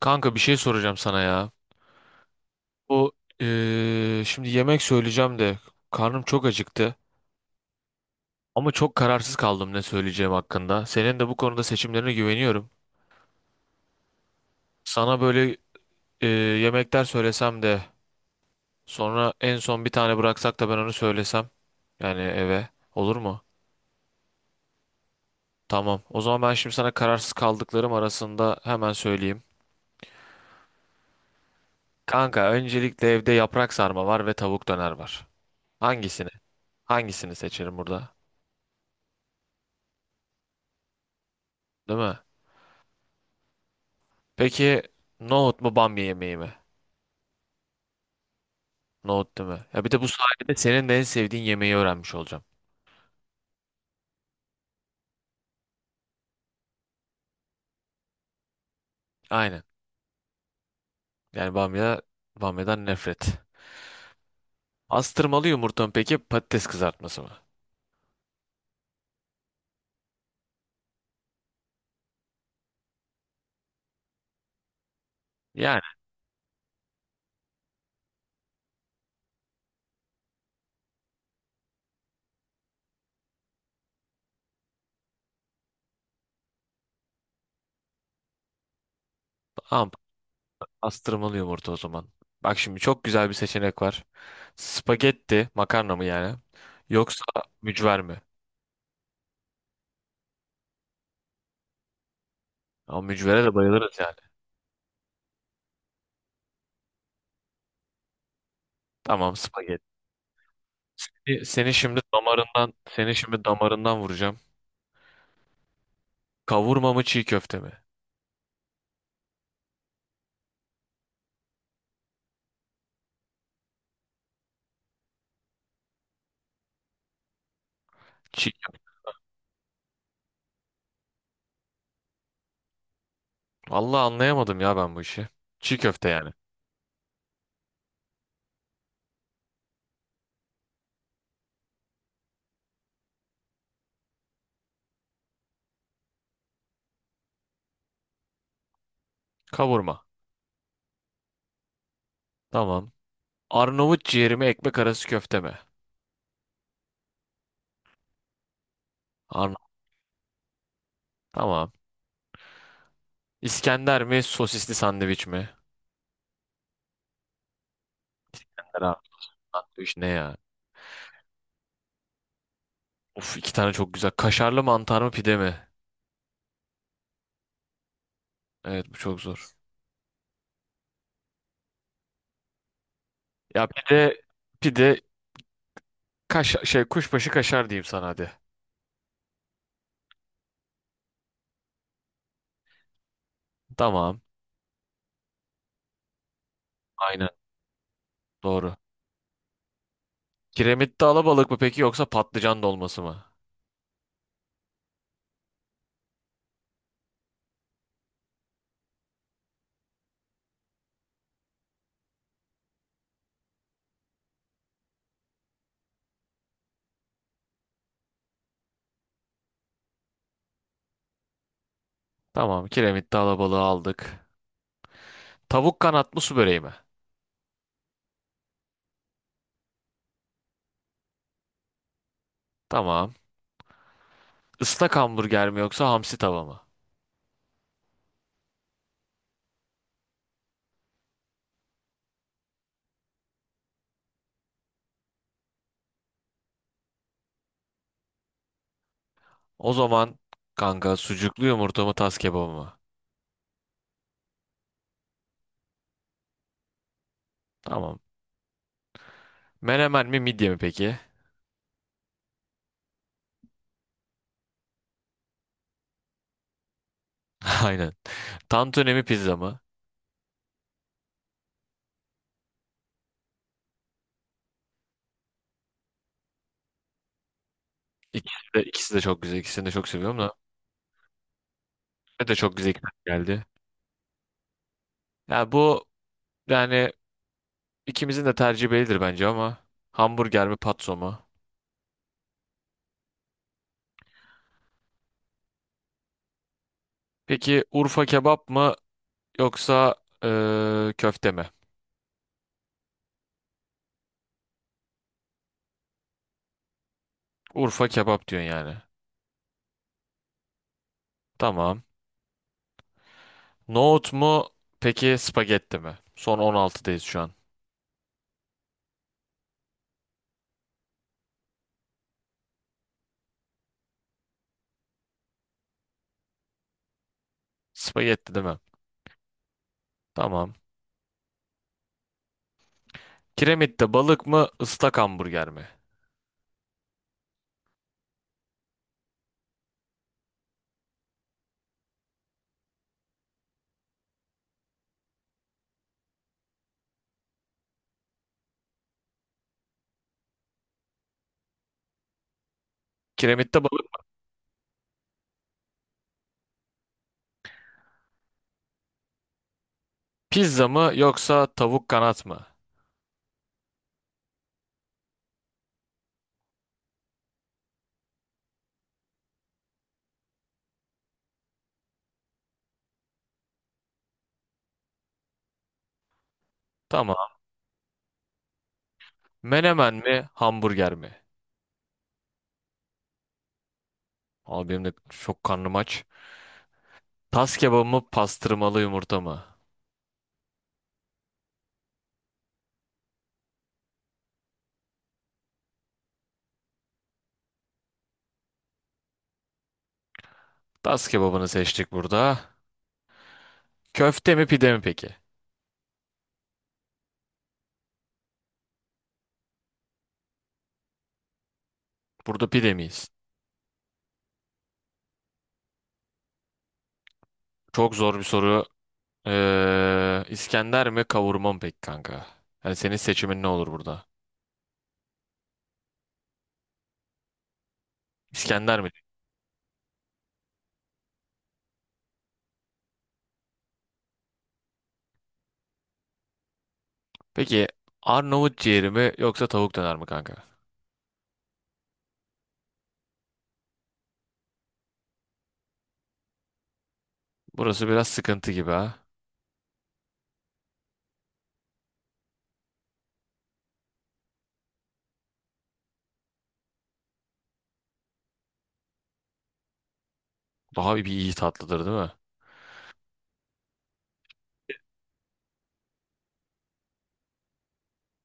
Kanka bir şey soracağım sana ya. Bu şimdi yemek söyleyeceğim de karnım çok acıktı. Ama çok kararsız kaldım ne söyleyeceğim hakkında. Senin de bu konuda seçimlerine güveniyorum. Sana böyle eee, yemekler söylesem de sonra en son bir tane bıraksak da ben onu söylesem. Yani eve olur mu? Tamam. O zaman ben şimdi sana kararsız kaldıklarım arasında hemen söyleyeyim. Kanka öncelikle evde yaprak sarma var ve tavuk döner var. Hangisini? Hangisini seçerim burada? Değil mi? Peki nohut mu bamya yemeği mi? Nohut değil mi? Ya bir de bu sayede senin de en sevdiğin yemeği öğrenmiş olacağım. Aynen. Yani bamya, bamyadan nefret. Astırmalı yumurta mı peki patates kızartması mı? Yani tamam, astırmalı yumurta o zaman. Bak şimdi çok güzel bir seçenek var. Spagetti makarna mı yani? Yoksa mücver mi? Ama mücvere de bayılırız yani. Tamam, spagetti. Seni şimdi damarından, seni şimdi damarından vuracağım. Kavurma mı çiğ köfte mi? çiğ Vallahi anlayamadım ya ben bu işi. Çiğ köfte yani. Kavurma. Tamam. Arnavut ciğeri mi ekmek arası köfte mi? Arnavut. Tamam. İskender mi sosisli sandviç mi? Herhalde. Sandviç ne ya? Of, iki tane çok güzel. Kaşarlı mantar mı pide mi? Evet, bu çok zor. Ya pide, pide kaş şey kuşbaşı kaşar diyeyim sana hadi. Tamam. Aynen. Doğru. Kiremitte alabalık mı peki yoksa patlıcan dolması mı? Tamam. Kiremitte alabalığı aldık. Tavuk kanat mı su böreği mi? Tamam. Islak hamburger mi yoksa hamsi tava mı? O zaman kanka, sucuklu yumurta mı tas kebabı mı? Tamam. Menemen mi midye mi peki? Aynen. Tantuni mi pizza mı? İkisi de, ikisi de çok güzel. İkisini de çok seviyorum da. Ne de çok güzel ikna geldi. Ya bu, yani ikimizin de tercihi bellidir bence ama hamburger mi patso mu? Peki Urfa kebap mı yoksa köfte mi? Urfa kebap diyorsun yani. Tamam. Nohut mu peki spagetti mi? Son 16'dayız şu an. Spagetti değil mi? Tamam. Kiremitte balık mı, ıslak hamburger mi? Kiremitte balık, pizza mı yoksa tavuk kanat mı? Tamam. Menemen mi, hamburger mi? Abi benim de çok karnım aç. Tas kebabı mı, pastırmalı yumurta mı? Tas kebabını seçtik burada. Köfte mi, pide mi peki? Burada pide miyiz? Çok zor bir soru. İskender mi, kavurma mı peki kanka? Yani senin seçimin ne olur burada? İskender mi? Peki Arnavut ciğeri mi yoksa tavuk döner mi kanka? Burası biraz sıkıntı gibi ha. Daha bir iyi tatlıdır değil mi?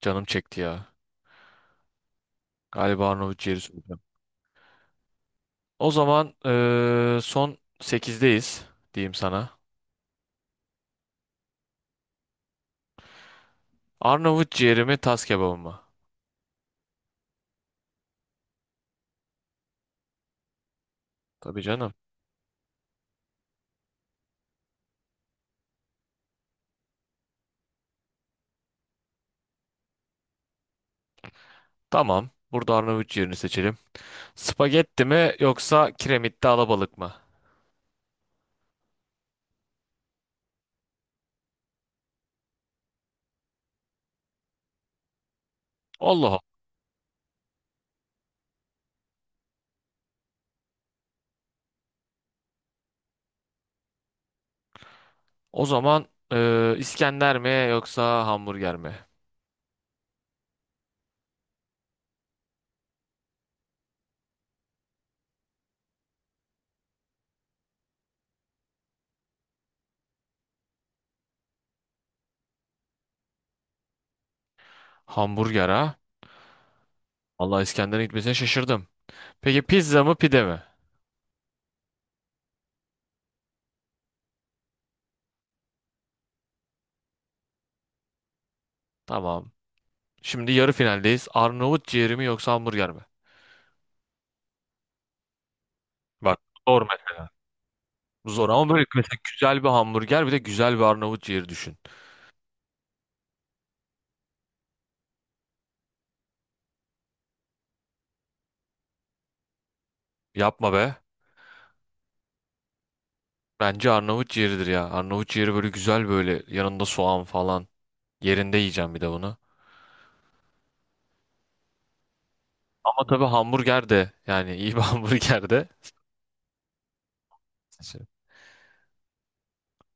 Canım çekti ya. Galiba Arnavut ciğeri söyleyeceğim. O zaman son sekizdeyiz, diyeyim sana. Arnavut ciğeri mi tas kebabı mı? Tabii canım. Tamam. Burada Arnavut ciğerini seçelim. Spagetti mi yoksa kiremitte alabalık mı? Allah Allah. O zaman İskender mi yoksa hamburger mi? Hamburger ha? Allah, İskender'in gitmesine şaşırdım. Peki pizza mı pide mi? Tamam. Şimdi yarı finaldeyiz. Arnavut ciğeri mi yoksa hamburger mi? Bak, zor mesela. Bu zor ama böyle mesela güzel bir hamburger bir de güzel bir Arnavut ciğeri düşün. Yapma be. Bence Arnavut ciğeridir ya. Arnavut ciğeri böyle güzel, böyle yanında soğan falan. Yerinde yiyeceğim bir de bunu. Ama tabii hamburger de, yani iyi bir hamburger de. Şey,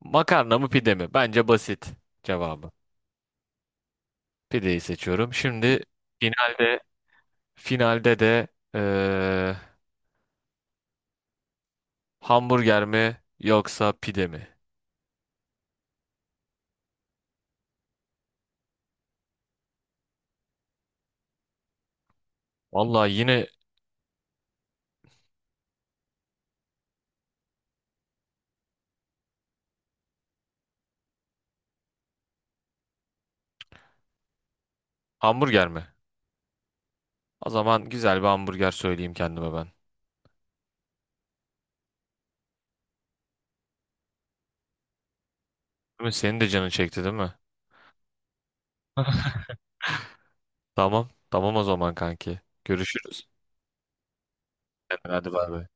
makarna mı pide mi? Bence basit cevabı. Pideyi seçiyorum. Şimdi finalde, finalde de eee, hamburger mi yoksa pide mi? Vallahi yine hamburger mi? O zaman güzel bir hamburger söyleyeyim kendime ben. Değil mi? Senin de canın çekti değil mi? Tamam. O zaman kanki, görüşürüz. Hadi bay bay.